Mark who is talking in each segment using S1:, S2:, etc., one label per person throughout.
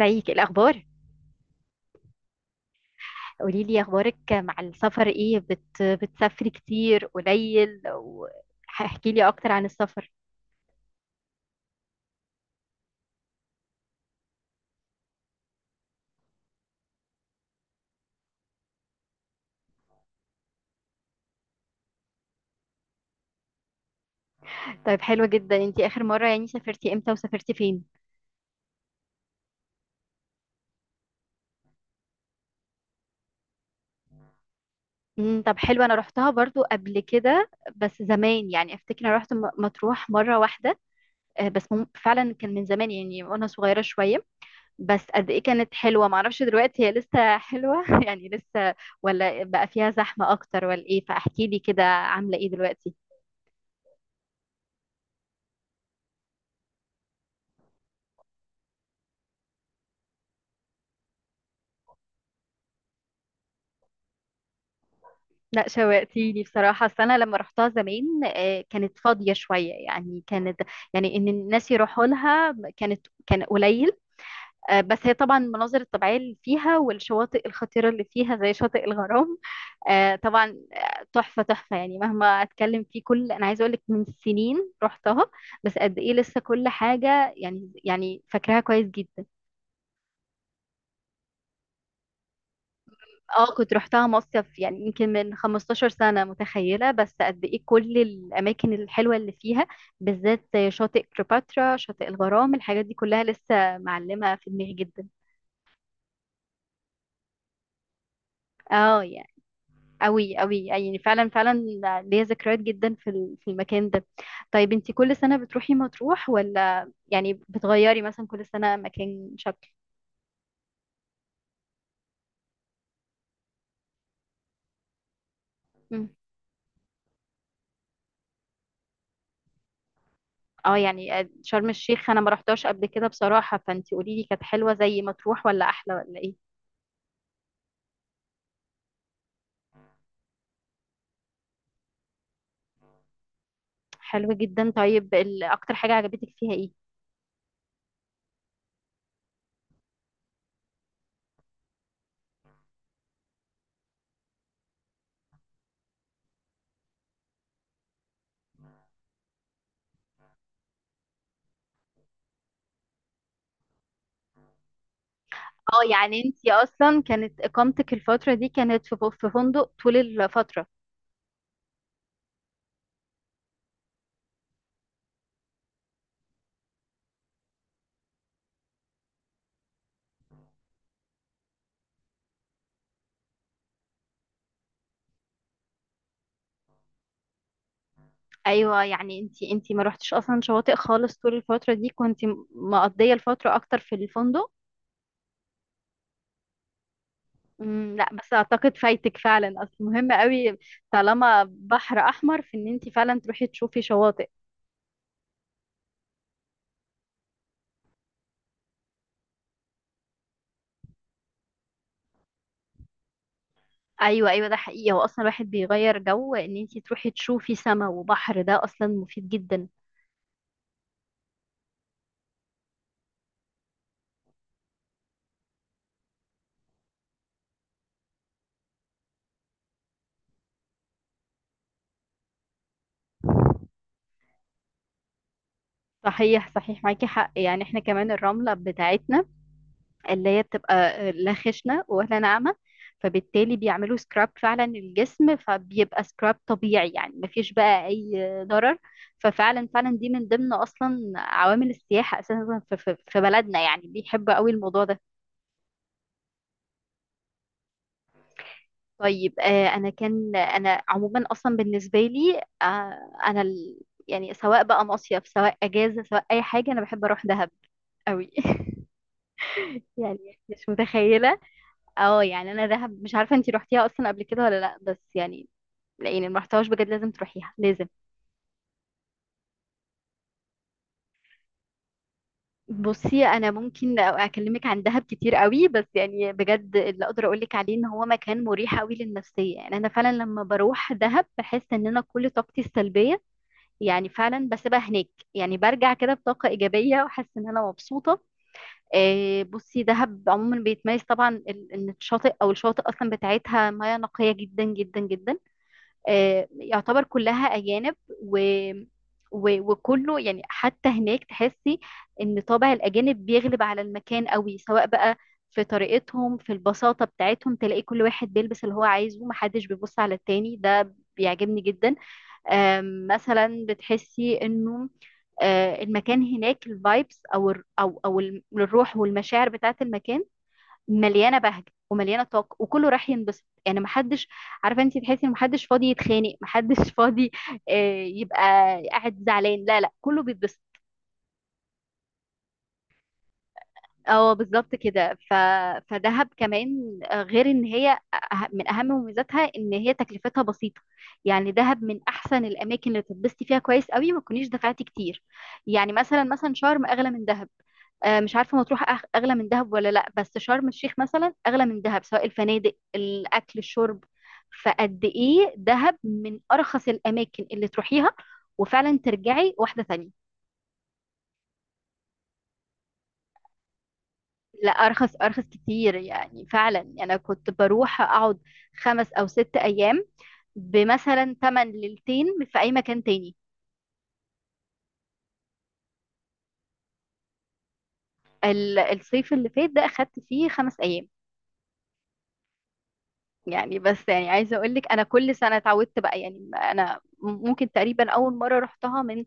S1: ازيك؟ إيه الاخبار؟ قولي لي اخبارك مع السفر ايه، بتسافري كتير قليل واحكي لي اكتر عن السفر. طيب حلوة جدا. انتي اخر مرة يعني سافرتي امتى وسافرتي فين؟ امم، طب حلو. انا رحتها برضو قبل كده، بس زمان. يعني افتكر انا رحت مطروح مرة واحدة. بس فعلا كان من زمان يعني وانا صغيرة شوية. بس قد ايه كانت حلوة، معرفش دلوقتي هي لسه حلوة يعني لسه ولا بقى فيها زحمة اكتر ولا ايه؟ فاحكي لي كده عاملة ايه دلوقتي. لا، شوقتيني بصراحة. أصل أنا لما رحتها زمان كانت فاضية شوية، يعني كانت يعني إن الناس يروحوا لها كانت كان قليل. بس هي طبعا المناظر الطبيعية اللي فيها والشواطئ الخطيرة اللي فيها زي شاطئ الغرام. طبعا. تحفة تحفة، يعني مهما أتكلم فيه كل أنا عايزة أقولك من سنين رحتها، بس قد إيه لسه كل حاجة يعني، فاكراها كويس جدا. اه كنت رحتها مصيف، يعني يمكن من 15 سنة، متخيلة بس قد ايه كل الأماكن الحلوة اللي فيها، بالذات شاطئ كليوباترا، شاطئ الغرام، الحاجات دي كلها لسه معلمة في دماغي جدا. اه يعني أوي أوي، يعني فعلا فعلا ليا ذكريات جدا في في المكان ده. طيب انتي كل سنة بتروحي مطروح ولا يعني بتغيري مثلا كل سنة مكان شكل؟ مم. اه يعني شرم الشيخ انا ما رحتهاش قبل كده بصراحة، فانتي قولي لي كانت حلوة زي مطروح ولا احلى ولا ايه؟ حلو جدا. طيب اكتر حاجة عجبتك فيها ايه؟ اه يعني انتي اصلا كانت اقامتك الفترة دي كانت في في فندق طول الفترة؟ ايوه، يعني انتي انتي ما رحتش اصلا شواطئ خالص طول الفترة دي، كنتي مقضية الفترة اكتر في الفندق؟ امم. لا، بس اعتقد فايتك فعلا، اصل مهم قوي طالما بحر احمر، في ان انتي فعلا تروحي تشوفي شواطئ. ايوه ايوه، ده حقيقي. هو اصلا الواحد بيغير جو، ان انتي تروحي تشوفي سما وبحر ده اصلا مفيد جدا. صحيح صحيح، معاكي حق. يعني احنا كمان الرملة بتاعتنا اللي هي بتبقى لا خشنة ولا ناعمة، فبالتالي بيعملوا سكراب فعلا الجسم فبيبقى سكراب طبيعي، يعني مفيش بقى اي ضرر. ففعلا فعلا دي من ضمن اصلا عوامل السياحة اساسا في في بلدنا، يعني بيحبوا قوي الموضوع ده. طيب انا كان انا عموما اصلا بالنسبة لي، انا يعني سواء بقى مصيف سواء اجازة سواء اي حاجة انا بحب اروح دهب قوي يعني مش متخيلة. اه يعني انا دهب مش عارفه انتي روحتيها اصلا قبل كده ولا لا، بس يعني لاني ما رحتهاش، بجد لازم تروحيها لازم. بصي انا ممكن اكلمك عن دهب كتير قوي، بس يعني بجد اللي اقدر اقولك عليه ان هو مكان مريح قوي للنفسيه. يعني انا فعلا لما بروح دهب بحس ان انا كل طاقتي السلبيه يعني فعلا بسيبها هناك. يعني برجع كده بطاقه ايجابيه وحاسه ان انا مبسوطه. بصي دهب عموما بيتميز طبعا ان الشاطئ او الشواطئ اصلا بتاعتها مياه نقيه جدا جدا جدا. يعتبر كلها أجانب و... وكله، يعني حتى هناك تحسي إن طابع الأجانب بيغلب على المكان قوي، سواء بقى في طريقتهم في البساطة بتاعتهم، تلاقي كل واحد بيلبس اللي هو عايزه محدش بيبص على التاني، ده بيعجبني جدا. مثلا بتحسي إنه المكان هناك الفايبس أو الروح والمشاعر بتاعت المكان مليانه بهجه ومليانه طاقه، وكله رايح ينبسط. يعني محدش، عارفه انت، تحسي ان محدش فاضي يتخانق، محدش فاضي يبقى قاعد زعلان. لا لا، كله بيتبسط. اه بالظبط كده. فدهب كمان غير ان هي من اهم مميزاتها ان هي تكلفتها بسيطه. يعني دهب من احسن الاماكن اللي تتبسطي فيها كويس قوي ما تكونيش دفعتي كتير. يعني مثلا مثلا شرم اغلى من دهب. مش عارفه مطروح اغلى من دهب ولا لا، بس شرم الشيخ مثلا اغلى من دهب، سواء الفنادق الاكل الشرب. فقد ايه دهب من ارخص الاماكن اللي تروحيها وفعلا ترجعي واحده ثانيه. لا، ارخص ارخص كتير، يعني فعلا انا كنت بروح اقعد 5 او 6 ايام بمثلا تمن ليلتين في اي مكان تاني. الصيف اللي فات ده اخدت فيه 5 ايام. يعني بس يعني عايزه اقول لك انا كل سنه اتعودت بقى، يعني انا ممكن تقريبا اول مره رحتها من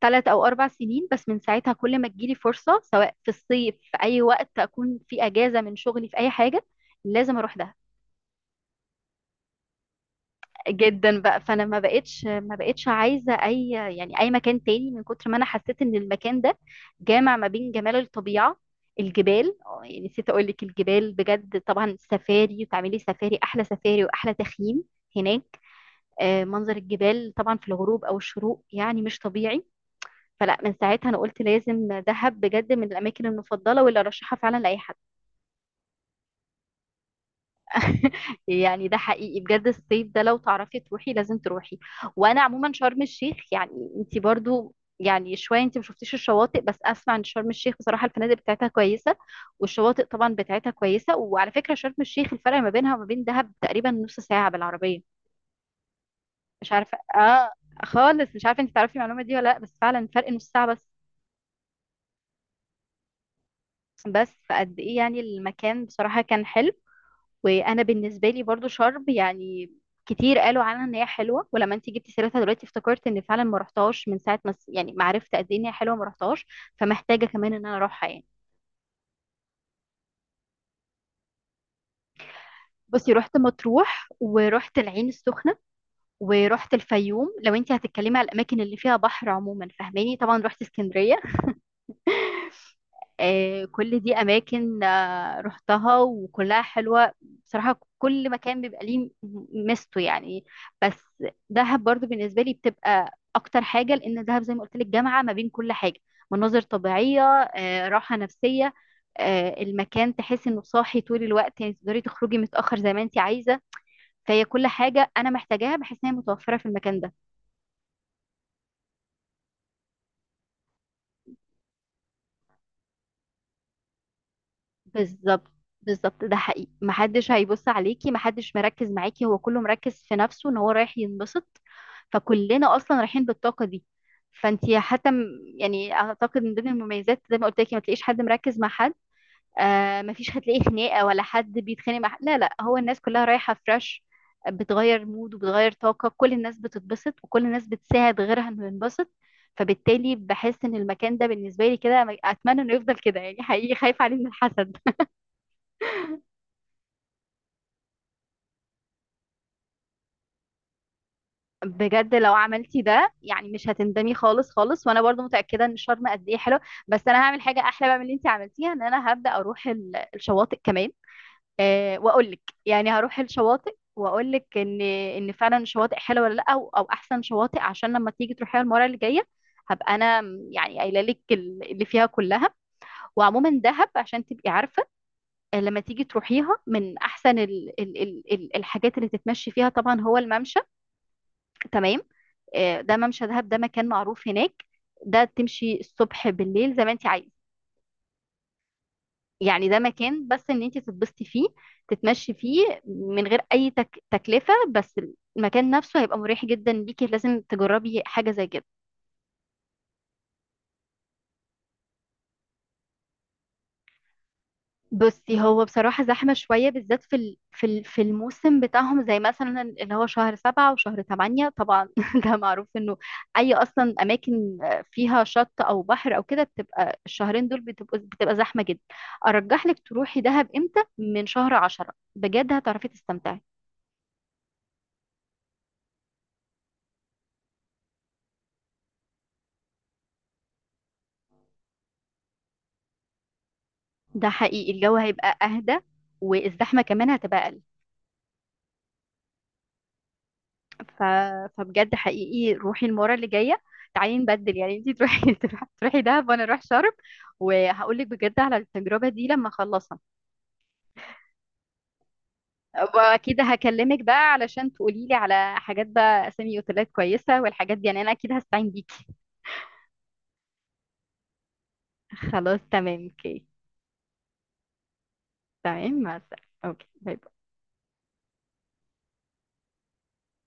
S1: 3 او 4 سنين، بس من ساعتها كل ما تجيلي فرصه سواء في الصيف في اي وقت اكون في اجازه من شغلي في اي حاجه لازم اروح ده. جدا بقى، فانا ما بقتش عايزه اي، يعني اي مكان تاني، من كتر ما انا حسيت ان المكان ده جامع ما بين جمال الطبيعه، الجبال. يعني نسيت اقول لك الجبال بجد طبعا، سفاري وتعملي سفاري، احلى سفاري واحلى تخييم هناك. منظر الجبال طبعا في الغروب او الشروق يعني مش طبيعي. فلا، من ساعتها انا قلت لازم دهب بجد من الاماكن المفضله واللي ارشحها فعلا لاي حد. يعني ده حقيقي بجد، الصيف ده لو تعرفي تروحي لازم تروحي. وانا عموما شرم الشيخ يعني، انت برضو يعني شويه انت ما شفتيش الشواطئ، بس اسمع ان شرم الشيخ بصراحه الفنادق بتاعتها كويسه والشواطئ طبعا بتاعتها كويسه. وعلى فكره شرم الشيخ الفرق ما بينها وما بين دهب تقريبا نص ساعه بالعربيه. مش عارفه، اه خالص مش عارفه انت تعرفي المعلومه دي ولا لا، بس فعلا فرق نص ساعه بس. بس فقد ايه يعني المكان بصراحه كان حلو. وانا بالنسبه لي برضو شرم يعني كتير قالوا عنها ان هي حلوه، ولما انت جبتي سيرتها دلوقتي افتكرت ان فعلا ما رحتهاش من ساعه ما س- يعني ما عرفت قد ايه ان هي حلوه، ما رحتهاش. فمحتاجه كمان ان انا اروحها يعني. بصي رحت مطروح ورحت العين السخنه ورحت الفيوم. لو انت هتتكلمي على الاماكن اللي فيها بحر عموما، فاهماني، طبعا رحت اسكندريه. آه كل دي اماكن رحتها وكلها حلوة بصراحة. كل مكان بيبقى ليه ميزته يعني. بس دهب برضو بالنسبة لي بتبقى أكتر حاجة، لأن دهب زي ما قلت لك جامعة ما بين كل حاجة: مناظر طبيعية، راحة نفسية. المكان تحس إنه صاحي طول الوقت، يعني تقدري تخرجي متأخر زي ما أنت عايزة. فهي كل حاجة أنا محتاجاها بحس إن هي متوفرة في المكان ده. بالظبط. بالظبط، ده حقيقي. محدش هيبص عليكي، محدش مركز معاكي، هو كله مركز في نفسه ان هو رايح ينبسط، فكلنا اصلا رايحين بالطاقه دي. فانتي حتى يعني اعتقد من ضمن المميزات، زي ما قلت لك، ما تلاقيش حد مركز مع حد. آه ما فيش هتلاقي خناقه ولا حد بيتخانق مع حد. لا لا، هو الناس كلها رايحه فريش، بتغير مود وبتغير طاقه، كل الناس بتتبسط وكل الناس بتساعد غيرها انه ينبسط. فبالتالي بحس ان المكان ده بالنسبه لي كده اتمنى انه يفضل كده، يعني حقيقي خايفه عليه من الحسد. بجد لو عملتي ده يعني مش هتندمي خالص خالص، وانا برضو متاكده ان شرم قد ايه حلو. بس انا هعمل حاجه احلى بقى من اللي انت عملتيها ان انا هبدا اروح الشواطئ كمان. أه، واقول لك يعني هروح الشواطئ واقول لك ان ان فعلا الشواطئ حلوه ولا لا، أو احسن شواطئ، عشان لما تيجي تروحيها المره اللي جايه هبقى انا يعني قايله لك اللي فيها كلها. وعموما دهب عشان تبقي عارفه لما تيجي تروحيها من احسن ال الحاجات اللي تتمشي فيها طبعا هو الممشى. تمام. ده ممشى دهب، ده مكان معروف هناك. ده تمشي الصبح بالليل زي ما انت عايز. يعني ده مكان بس ان انت تتبسطي فيه، تتمشي فيه من غير اي تكلفة. بس المكان نفسه هيبقى مريح جدا ليكي، لازم تجربي حاجة زي كده. بصي هو بصراحة زحمة شوية، بالذات في في الموسم بتاعهم، زي مثلا اللي هو شهر 7 وشهر تمانية، طبعا ده معروف انه اي اصلا اماكن فيها شط او بحر او كده بتبقى الشهرين دول بتبقى زحمة جدا. ارجح لك تروحي دهب امتى؟ من شهر 10 بجد هتعرفي تستمتعي. ده حقيقي الجو هيبقى اهدى، والزحمة كمان هتبقى اقل. ف... فبجد حقيقي روحي المره اللي جايه، تعالي نبدل، يعني انتي تروحي تروحي دهب وانا اروح شرم، وهقول لك بجد على التجربه دي لما اخلصها. واكيد هكلمك بقى علشان تقولي لي على حاجات، بقى اسامي اوتيلات كويسه والحاجات دي، يعني انا اكيد هستعين بيكي. خلاص تمام اوكي. تمام، مع السلامه، اوكي، باي.